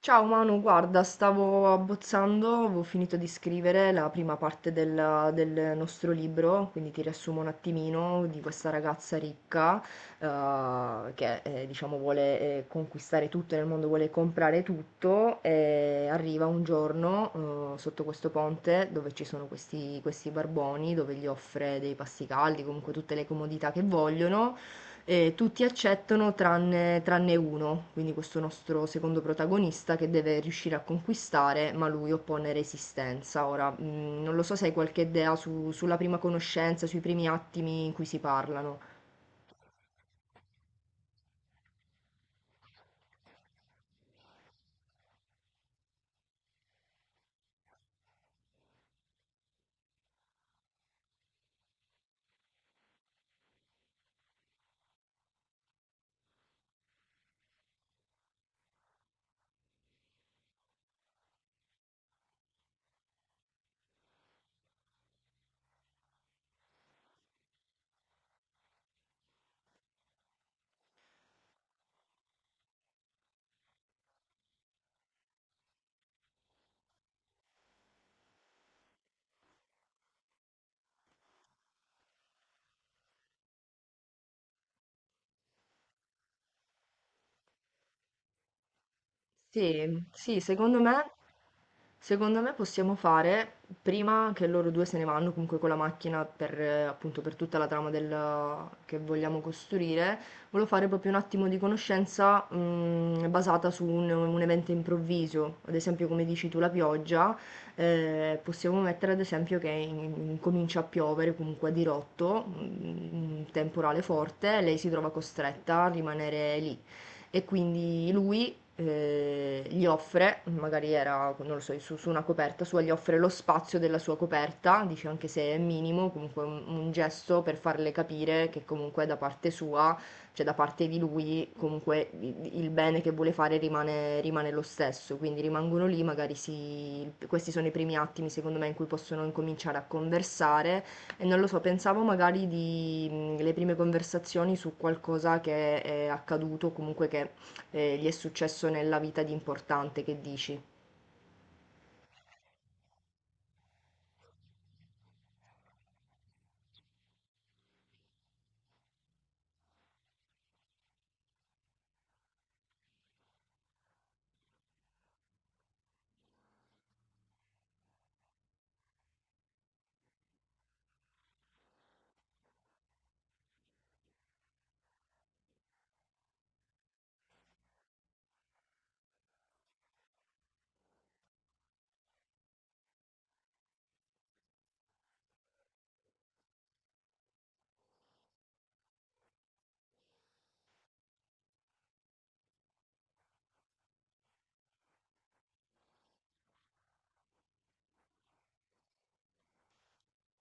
Ciao Manu, guarda, stavo abbozzando, avevo finito di scrivere la prima parte del nostro libro, quindi ti riassumo un attimino di questa ragazza ricca che diciamo vuole conquistare tutto nel mondo, vuole comprare tutto e arriva un giorno sotto questo ponte dove ci sono questi barboni, dove gli offre dei pasti caldi, comunque tutte le comodità che vogliono. Tutti accettano tranne uno, quindi questo nostro secondo protagonista che deve riuscire a conquistare, ma lui oppone resistenza. Ora, non lo so se hai qualche idea sulla prima conoscenza, sui primi attimi in cui si parlano. Sì, sì, secondo me possiamo fare prima che loro due se ne vanno comunque con la macchina per, appunto, per tutta la trama che vogliamo costruire. Volevo fare proprio un attimo di conoscenza basata su un evento improvviso, ad esempio come dici tu la pioggia. Possiamo mettere ad esempio che comincia a piovere comunque a dirotto, un temporale forte, lei si trova costretta a rimanere lì e quindi lui gli offre, magari era, non lo so, su una coperta sua, gli offre lo spazio della sua coperta, dice anche se è minimo, comunque un gesto per farle capire che comunque da parte sua, cioè da parte di lui, comunque il bene che vuole fare rimane lo stesso. Quindi rimangono lì, magari si, questi sono i primi attimi secondo me in cui possono incominciare a conversare e non lo so, pensavo magari di le prime conversazioni su qualcosa che è accaduto, comunque che gli è successo nella vita di importante. Che dici?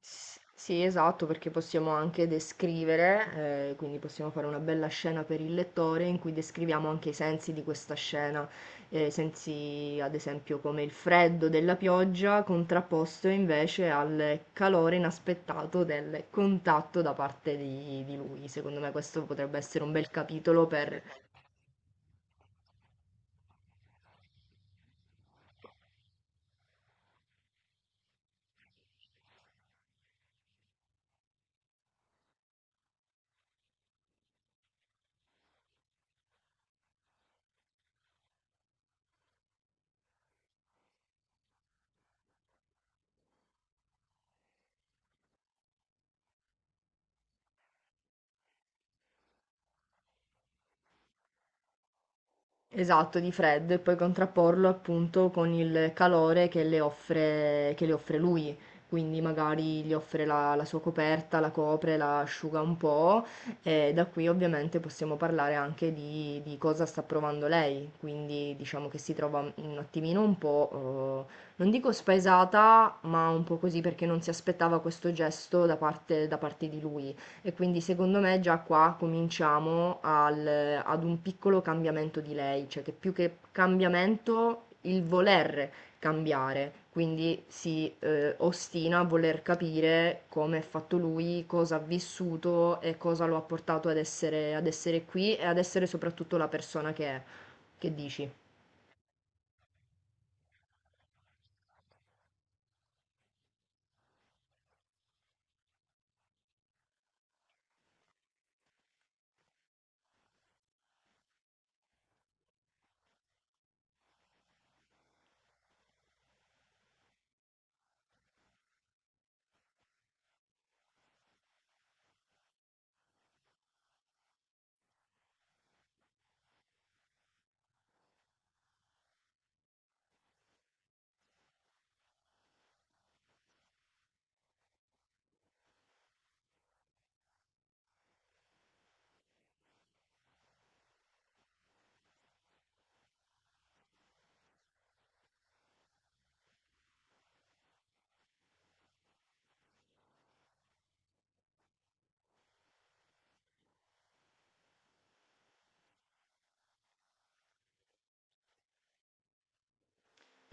Sì, esatto, perché possiamo anche descrivere. Quindi possiamo fare una bella scena per il lettore in cui descriviamo anche i sensi di questa scena. Sensi ad esempio come il freddo della pioggia contrapposto invece al calore inaspettato del contatto da parte di lui. Secondo me questo potrebbe essere un bel capitolo per. Esatto, di freddo e poi contrapporlo appunto con il calore che le offre lui. Quindi magari gli offre la sua coperta, la copre, la asciuga un po' e da qui ovviamente possiamo parlare anche di cosa sta provando lei. Quindi diciamo che si trova un attimino un po', non dico spaesata, ma un po' così perché non si aspettava questo gesto da parte di lui. E quindi secondo me già qua cominciamo ad un piccolo cambiamento di lei, cioè che più che cambiamento, il voler cambiare. Quindi si ostina a voler capire come è fatto lui, cosa ha vissuto e cosa lo ha portato ad essere qui e ad essere soprattutto la persona che è. Che dici?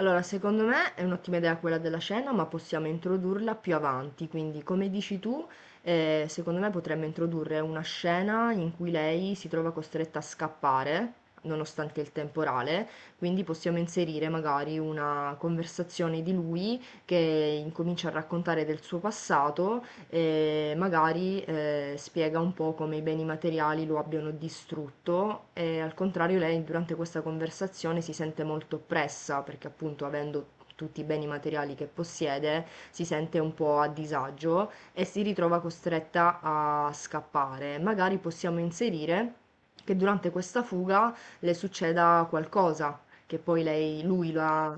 Allora, secondo me è un'ottima idea quella della cena, ma possiamo introdurla più avanti. Quindi, come dici tu, secondo me potremmo introdurre una scena in cui lei si trova costretta a scappare, nonostante il temporale. Quindi possiamo inserire magari una conversazione di lui che incomincia a raccontare del suo passato e magari spiega un po' come i beni materiali lo abbiano distrutto e al contrario lei durante questa conversazione si sente molto oppressa perché appunto avendo tutti i beni materiali che possiede si sente un po' a disagio e si ritrova costretta a scappare. Magari possiamo inserire che durante questa fuga le succeda qualcosa che poi lei, lui la.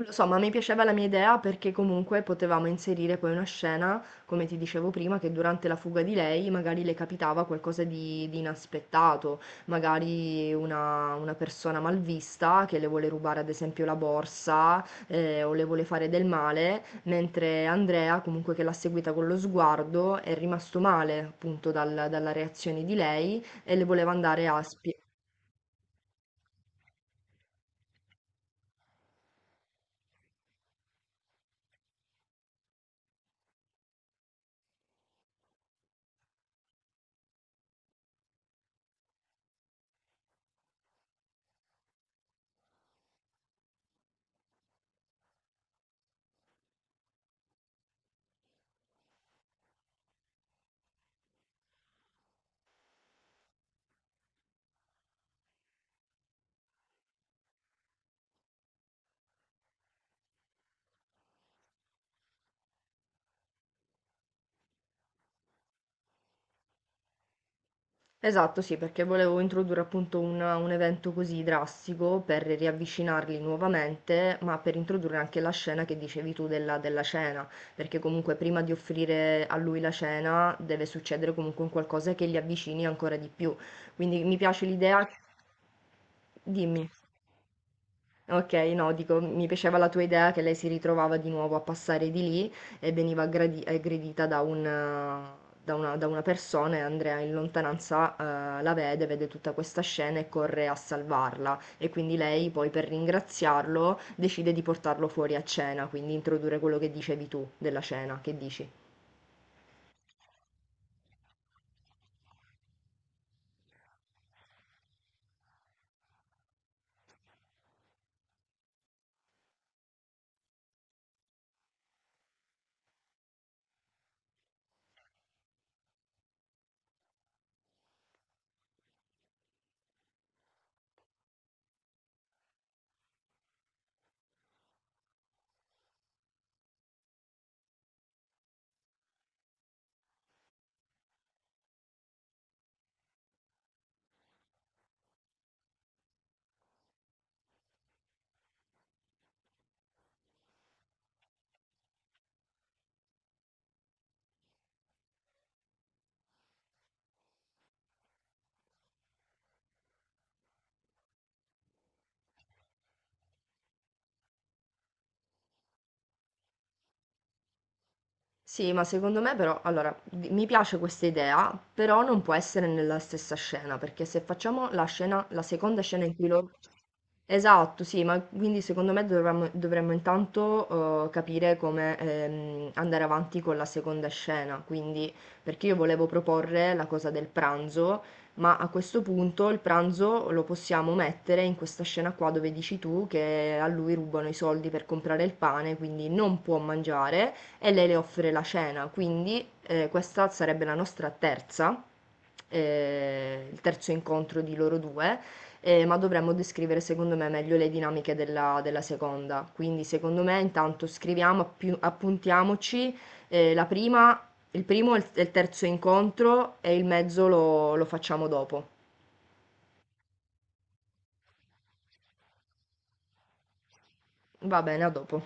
Lo so, ma mi piaceva la mia idea perché comunque potevamo inserire poi una scena, come ti dicevo prima, che durante la fuga di lei magari le capitava qualcosa di inaspettato, magari una persona malvista che le vuole rubare ad esempio la borsa o le vuole fare del male, mentre Andrea comunque che l'ha seguita con lo sguardo è rimasto male appunto dalla reazione di lei e le voleva andare a spiegare. Esatto, sì, perché volevo introdurre appunto un evento così drastico per riavvicinarli nuovamente, ma per introdurre anche la scena che dicevi tu della cena, perché comunque prima di offrire a lui la cena deve succedere comunque un qualcosa che li avvicini ancora di più. Quindi mi piace l'idea. Dimmi. Okay, no, dico, mi piaceva la tua idea che lei si ritrovava di nuovo a passare di lì e veniva aggredita da una persona e Andrea in lontananza, la vede, vede tutta questa scena e corre a salvarla. E quindi lei poi per ringraziarlo decide di portarlo fuori a cena, quindi introdurre quello che dicevi tu della cena. Che dici? Sì, ma secondo me però, allora, mi piace questa idea, però non può essere nella stessa scena, perché se facciamo la scena, la seconda scena in cui loro. Esatto, sì, ma quindi secondo me dovremmo intanto capire come andare avanti con la seconda scena, quindi perché io volevo proporre la cosa del pranzo, ma a questo punto il pranzo lo possiamo mettere in questa scena qua dove dici tu che a lui rubano i soldi per comprare il pane, quindi non può mangiare e lei le offre la cena, quindi questa sarebbe la nostra terza, il terzo incontro di loro due. Ma dovremmo descrivere secondo me meglio le dinamiche della seconda. Quindi secondo me intanto scriviamo, appuntiamoci la prima, il primo e il terzo incontro e il mezzo lo facciamo dopo. Va bene, a dopo.